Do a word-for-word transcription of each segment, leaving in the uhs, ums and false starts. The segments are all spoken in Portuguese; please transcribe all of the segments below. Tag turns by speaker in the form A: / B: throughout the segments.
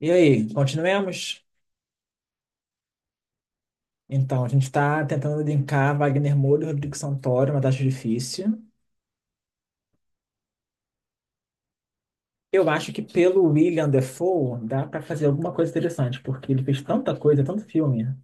A: E aí, continuemos? Então, a gente está tentando linkar Wagner Moura e Rodrigo Santoro, uma tarefa difícil. Eu acho que pelo William Dafoe dá para fazer alguma coisa interessante, porque ele fez tanta coisa, tanto filme. Não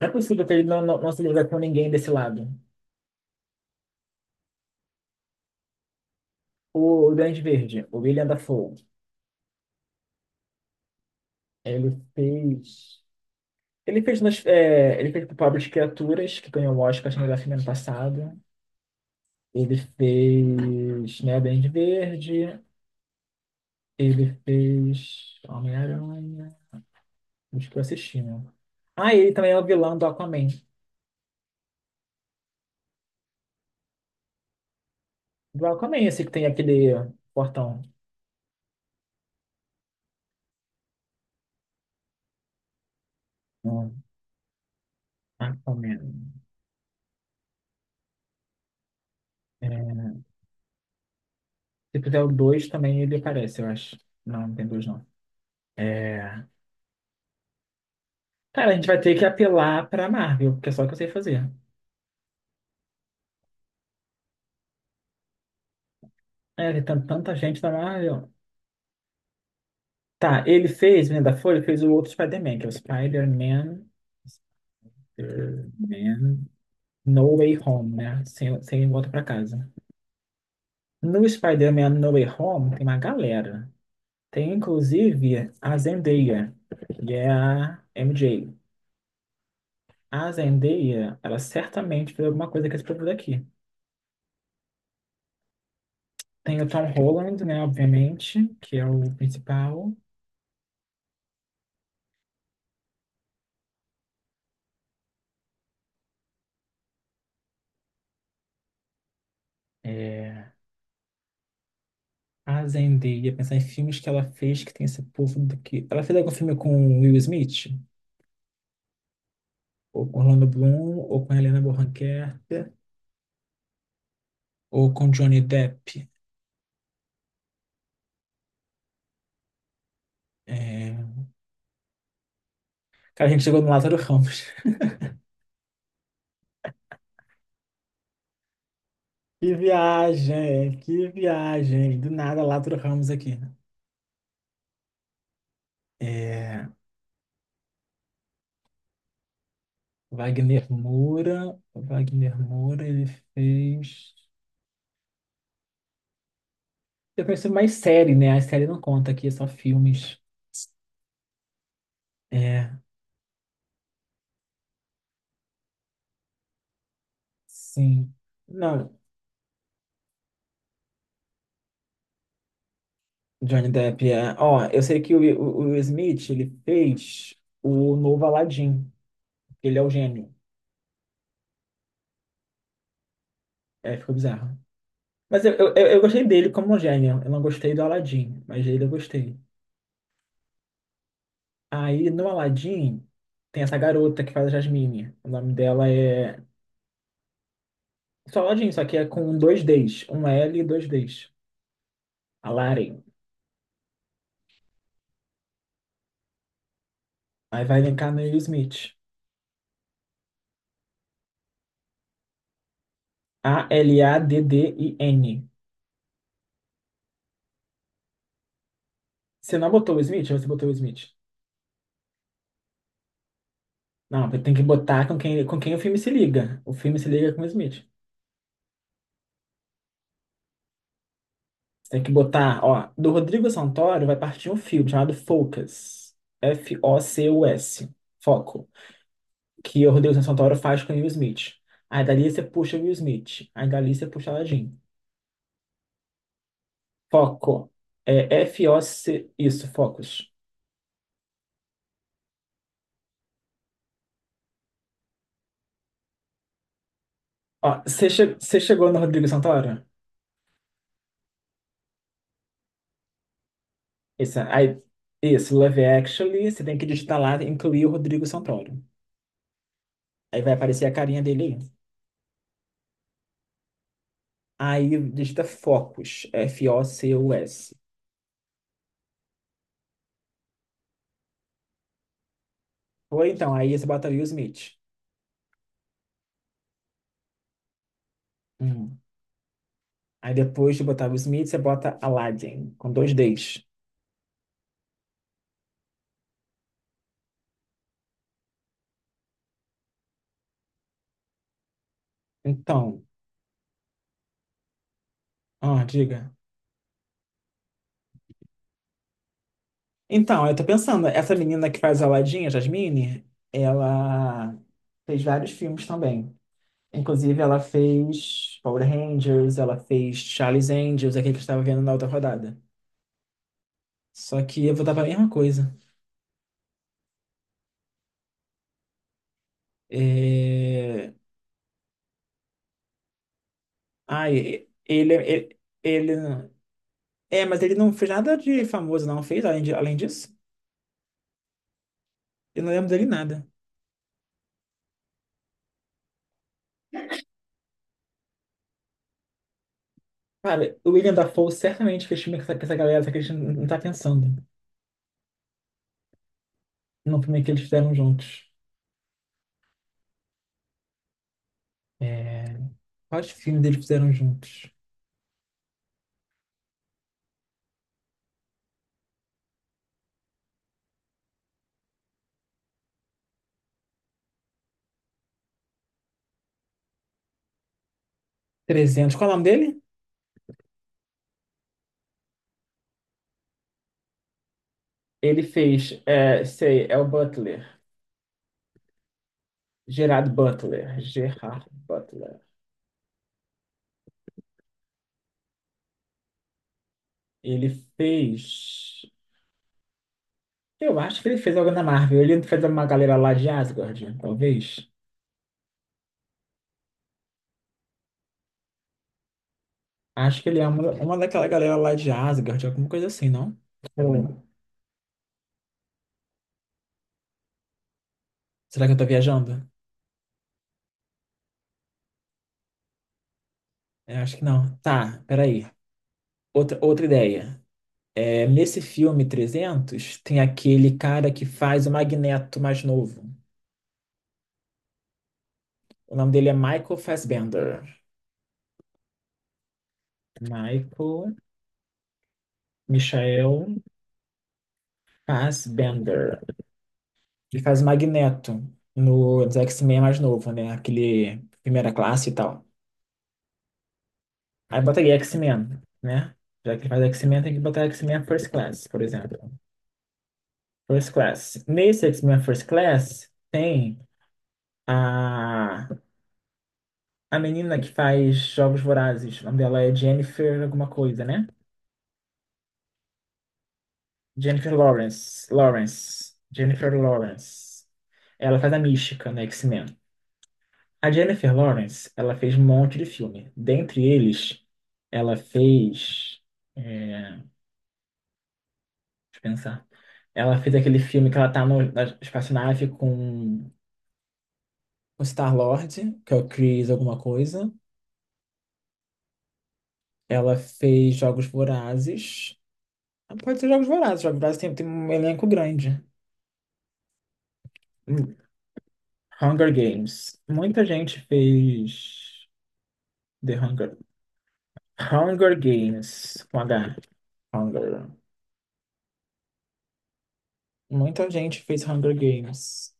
A: é possível que ele não, não, não se liga com ninguém desse lado. O, o Grande Verde, o William Dafoe, ele fez. Ele fez, nas, é, ele fez Pobres Criaturas, que ganhou o Oscar acho que no melhor filme ano passado. Ele fez, né, Grande Verde. Ele fez Homem-Aranha. Acho que eu assisti, né? Ah, ele também é o vilão do Aquaman. Do Aquaman, esse que tem aquele portão. Hum, Aquaman. É, se fizer o dois também ele aparece, eu acho. Não, não tem dois não. É... Cara, a gente vai ter que apelar pra Marvel, porque é só o que eu sei fazer. É, ele tem tanta gente da Marvel. Tá, ele fez, né, da Folha, fez o outro Spider-Man, que é o Spider-Man. Spider-Man. No Way Home, né? Sem, sem volta pra casa. No Spider-Man No Way Home tem uma galera. Tem inclusive a Zendaya, que é a M J. A Zendaya, ela certamente fez alguma coisa com esse povo daqui. Tem o Tom Holland, né, obviamente, que é o principal. É, a Zendaya, pensar em filmes que ela fez que tem esse povo daqui. Ela fez algum filme com o Will Smith? Ou com Orlando Bloom? Ou com Helena Bonham Carter? Ou com Johnny Depp? É, cara, a gente chegou no Lázaro Ramos. Que viagem, que viagem. Do nada, Lázaro Ramos aqui. É, Wagner Moura, Wagner Moura, ele fez. Eu pensei mais série, né? A série não conta aqui, é só filmes. É, sim. Não, Johnny Depp é. Ó, eu sei que o, o, o Will Smith, ele fez o novo Aladdin. Ele é o gênio. É, ficou bizarro. Mas eu, eu, eu gostei dele como um gênio. Eu não gostei do Aladdin, mas dele eu gostei. Aí no Aladdin tem essa garota que faz a Jasmine. O nome dela é Salgadinho, só que é com dois Ds. Um L e dois Ds. Aladdin. Aí vai linkar no Will Smith. A-L-A-D-D-I-N. Você não botou o Smith ou você botou o Smith? Não, tem que botar com quem, com quem o filme se liga. O filme se liga com o Smith. Você tem que botar, ó, do Rodrigo Santoro vai partir um filme chamado Focus. F-O-C-U-S. Foco. Que o Rodrigo Santoro faz com o Will Smith. Aí dali você puxa o Will Smith. Aí dali você puxa o Aladdin. Foco. É F-O-C. Isso, Focus. Ó, você che- você chegou no Rodrigo Santoro? Isso, aí, isso, Love Actually, você tem que digitar lá, incluir o Rodrigo Santoro. Aí vai aparecer a carinha dele aí. Aí digita Focus, F-O-C-U-S. Ou então, aí você bota Will Smith. Hum. Aí depois de botar Will Smith, você bota Aladdin, com dois Ds. Então, ó, diga. Então, eu tô pensando, essa menina que faz Aladdin, a Jasmine, ela fez vários filmes também. Inclusive, ela fez Power Rangers, ela fez Charlie's Angels, aquele que eu estava vendo na outra rodada. Só que eu vou para a mesma coisa. É... Ai, ele, ele, ele. É, mas ele não fez nada de famoso, não fez, além, de, além disso. Eu não lembro dele nada. Cara, o William Dafoe certamente fez filme com essa, com essa galera, só que a gente não não tá pensando no filme que eles fizeram juntos. É... Quais filmes eles fizeram juntos? Trezentos. Qual é o nome dele? Ele fez, é, sei, é o Butler. Gerard Butler. Gerard Butler. Ele fez. Eu acho que ele fez algo na Marvel. Ele fez uma galera lá de Asgard, talvez. Acho que ele é uma, uma daquela galera lá de Asgard, alguma coisa assim, não? Hum. Será que eu tô viajando? É, acho que não. Tá, peraí. Outra, outra ideia. É, nesse filme trezentos, tem aquele cara que faz o Magneto mais novo. O nome dele é Michael Fassbender. Michael Michael Fassbender. Ele faz o Magneto no dos X-Men mais novo, né? Aquele primeira classe e tal. Aí botaria X-Men, né? Já que ele faz X-Men, tem que botar X-Men First Class, por exemplo. First Class. Nesse X-Men First Class, tem a, a menina que faz Jogos Vorazes. O nome dela é Jennifer alguma coisa, né? Jennifer Lawrence. Lawrence. Jennifer Lawrence. Ela faz a Mística no X-Men. A Jennifer Lawrence, ela fez um monte de filme. Dentre eles, ela fez. É, deixa eu pensar. Ela fez aquele filme que ela tá no, na espaçonave com o Star-Lord, que é o Chris alguma coisa. Ela fez Jogos Vorazes. Ah, pode ser Jogos Vorazes. Jogos Vorazes tem, tem um elenco grande. Hum, Hunger Games. Muita gente fez The Hunger. Hunger Games. Com H. Hunger. Muita gente fez Hunger Games.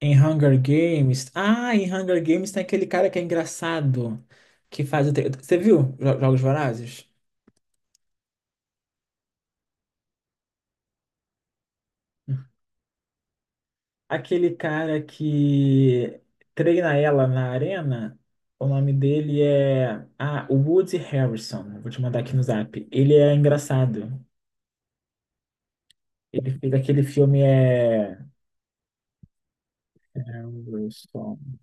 A: Em Hunger Games. Ah, em Hunger Games tem aquele cara que é engraçado. Que faz o tre- Você viu Jo- Jogos Vorazes? Aquele cara que treina ela na arena. O nome dele é. Ah, o Woody Harrison. Vou te mandar aqui no zap. Ele é engraçado. Ele fez aquele filme. É. Harrison.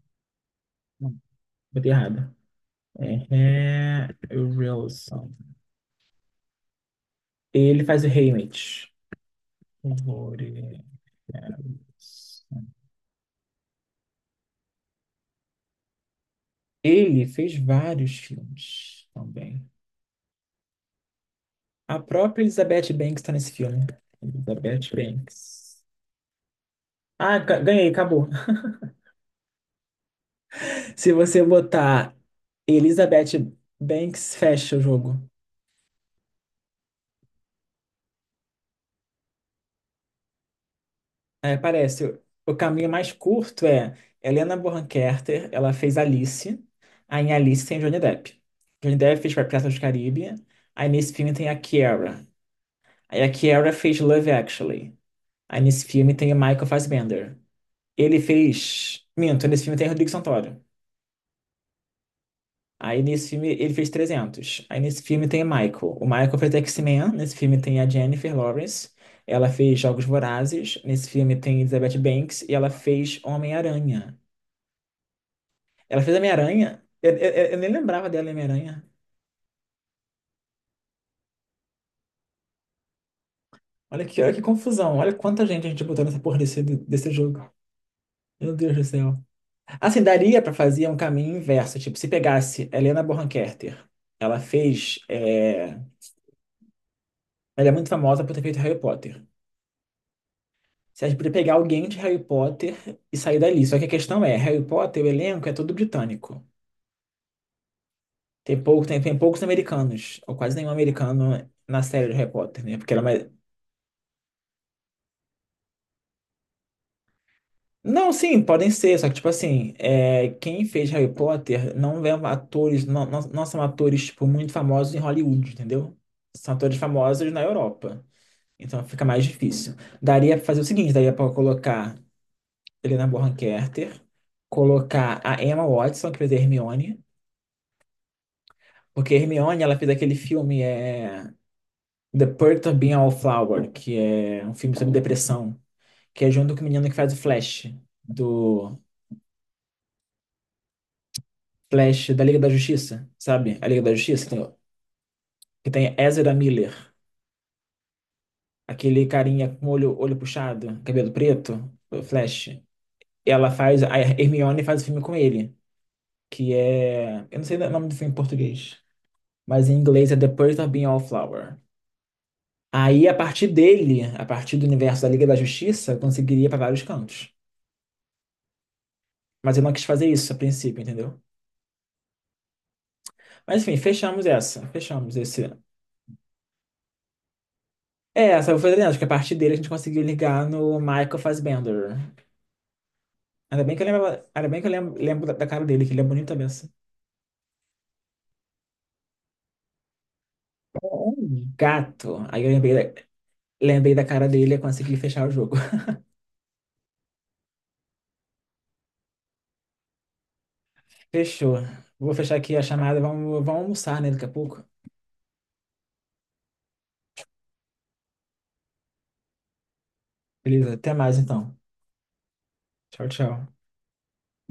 A: Não, botei errado. É Harrison. Ele faz o Haymitch. Glórias. Ele fez vários filmes também. A própria Elizabeth Banks está nesse filme, né? Elizabeth Banks. Ah, ga- ganhei, acabou. Se você botar Elizabeth Banks, fecha o jogo. Aí aparece. O o caminho mais curto é Helena Bonham Carter, ela fez Alice. Aí em Alice tem Johnny Depp. Johnny Depp fez Piratas do Caribe. Aí nesse filme tem a Kiara. Aí a Kiara fez Love Actually. Aí nesse filme tem o Michael Fassbender. Ele fez. Minto, nesse filme tem o Rodrigo Santoro. Aí nesse filme ele fez trezentos. Aí nesse filme tem o Michael. O Michael fez X-Men. Nesse filme tem a Jennifer Lawrence. Ela fez Jogos Vorazes. Nesse filme tem Elizabeth Banks. E ela fez Homem-Aranha. Ela fez Homem-Aranha? Eu, eu- eu nem lembrava dela em Homem-Aranha. Olha que, olha que confusão. Olha quanta gente a gente botou nessa porra desse, desse jogo. Meu Deus do céu. Assim, daria para fazer um caminho inverso. Tipo, se pegasse Helena Bonham Carter, ela fez. é, Ela é muito famosa por ter feito Harry Potter. Se a gente poderia pegar alguém de Harry Potter e sair dali. Só que a questão é: Harry Potter, o elenco é todo britânico. Tem pouco, tem, tem poucos americanos, ou quase nenhum americano na série de Harry Potter, né? Porque ela é mais... Não, sim, podem ser, só que, tipo assim, é, quem fez Harry Potter não é um atores, não, não, não são atores, tipo, muito famosos em Hollywood, entendeu? São atores famosos na Europa. Então fica mais difícil. Daria para fazer o seguinte, daria para colocar Helena Bonham Carter, colocar a Emma Watson, que fez a Hermione, porque a Hermione, ela fez aquele filme é The Perks of Being a Wallflower, que é um filme sobre depressão, que é junto com o menino que faz o Flash, do Flash da Liga da Justiça, sabe? A Liga da Justiça, que tem, que tem Ezra Miller, aquele carinha com olho, olho puxado, cabelo preto, o Flash. Ela faz, a Hermione faz o filme com ele. Que é. Eu não sei o nome do filme em português, mas em inglês é The Perks of Being a Wallflower. Aí, a partir dele, a partir do universo da Liga da Justiça, eu conseguiria ir para vários cantos. Mas eu não quis fazer isso a princípio, entendeu? Mas enfim, fechamos essa. Fechamos esse. É, essa eu vou fazer, acho que a partir dele a gente conseguiu ligar no Michael Fassbender. Ainda bem que eu lembro, ainda bem que eu lembro, lembro da, da cara dele, que ele é bonito também, assim. É um gato. Aí eu lembrei da, lembrei da cara dele e consegui fechar o jogo. Fechou. Vou fechar aqui a chamada. Vamos, vamos almoçar, né, daqui a pouco. Beleza, até mais então. Tchau, tchau.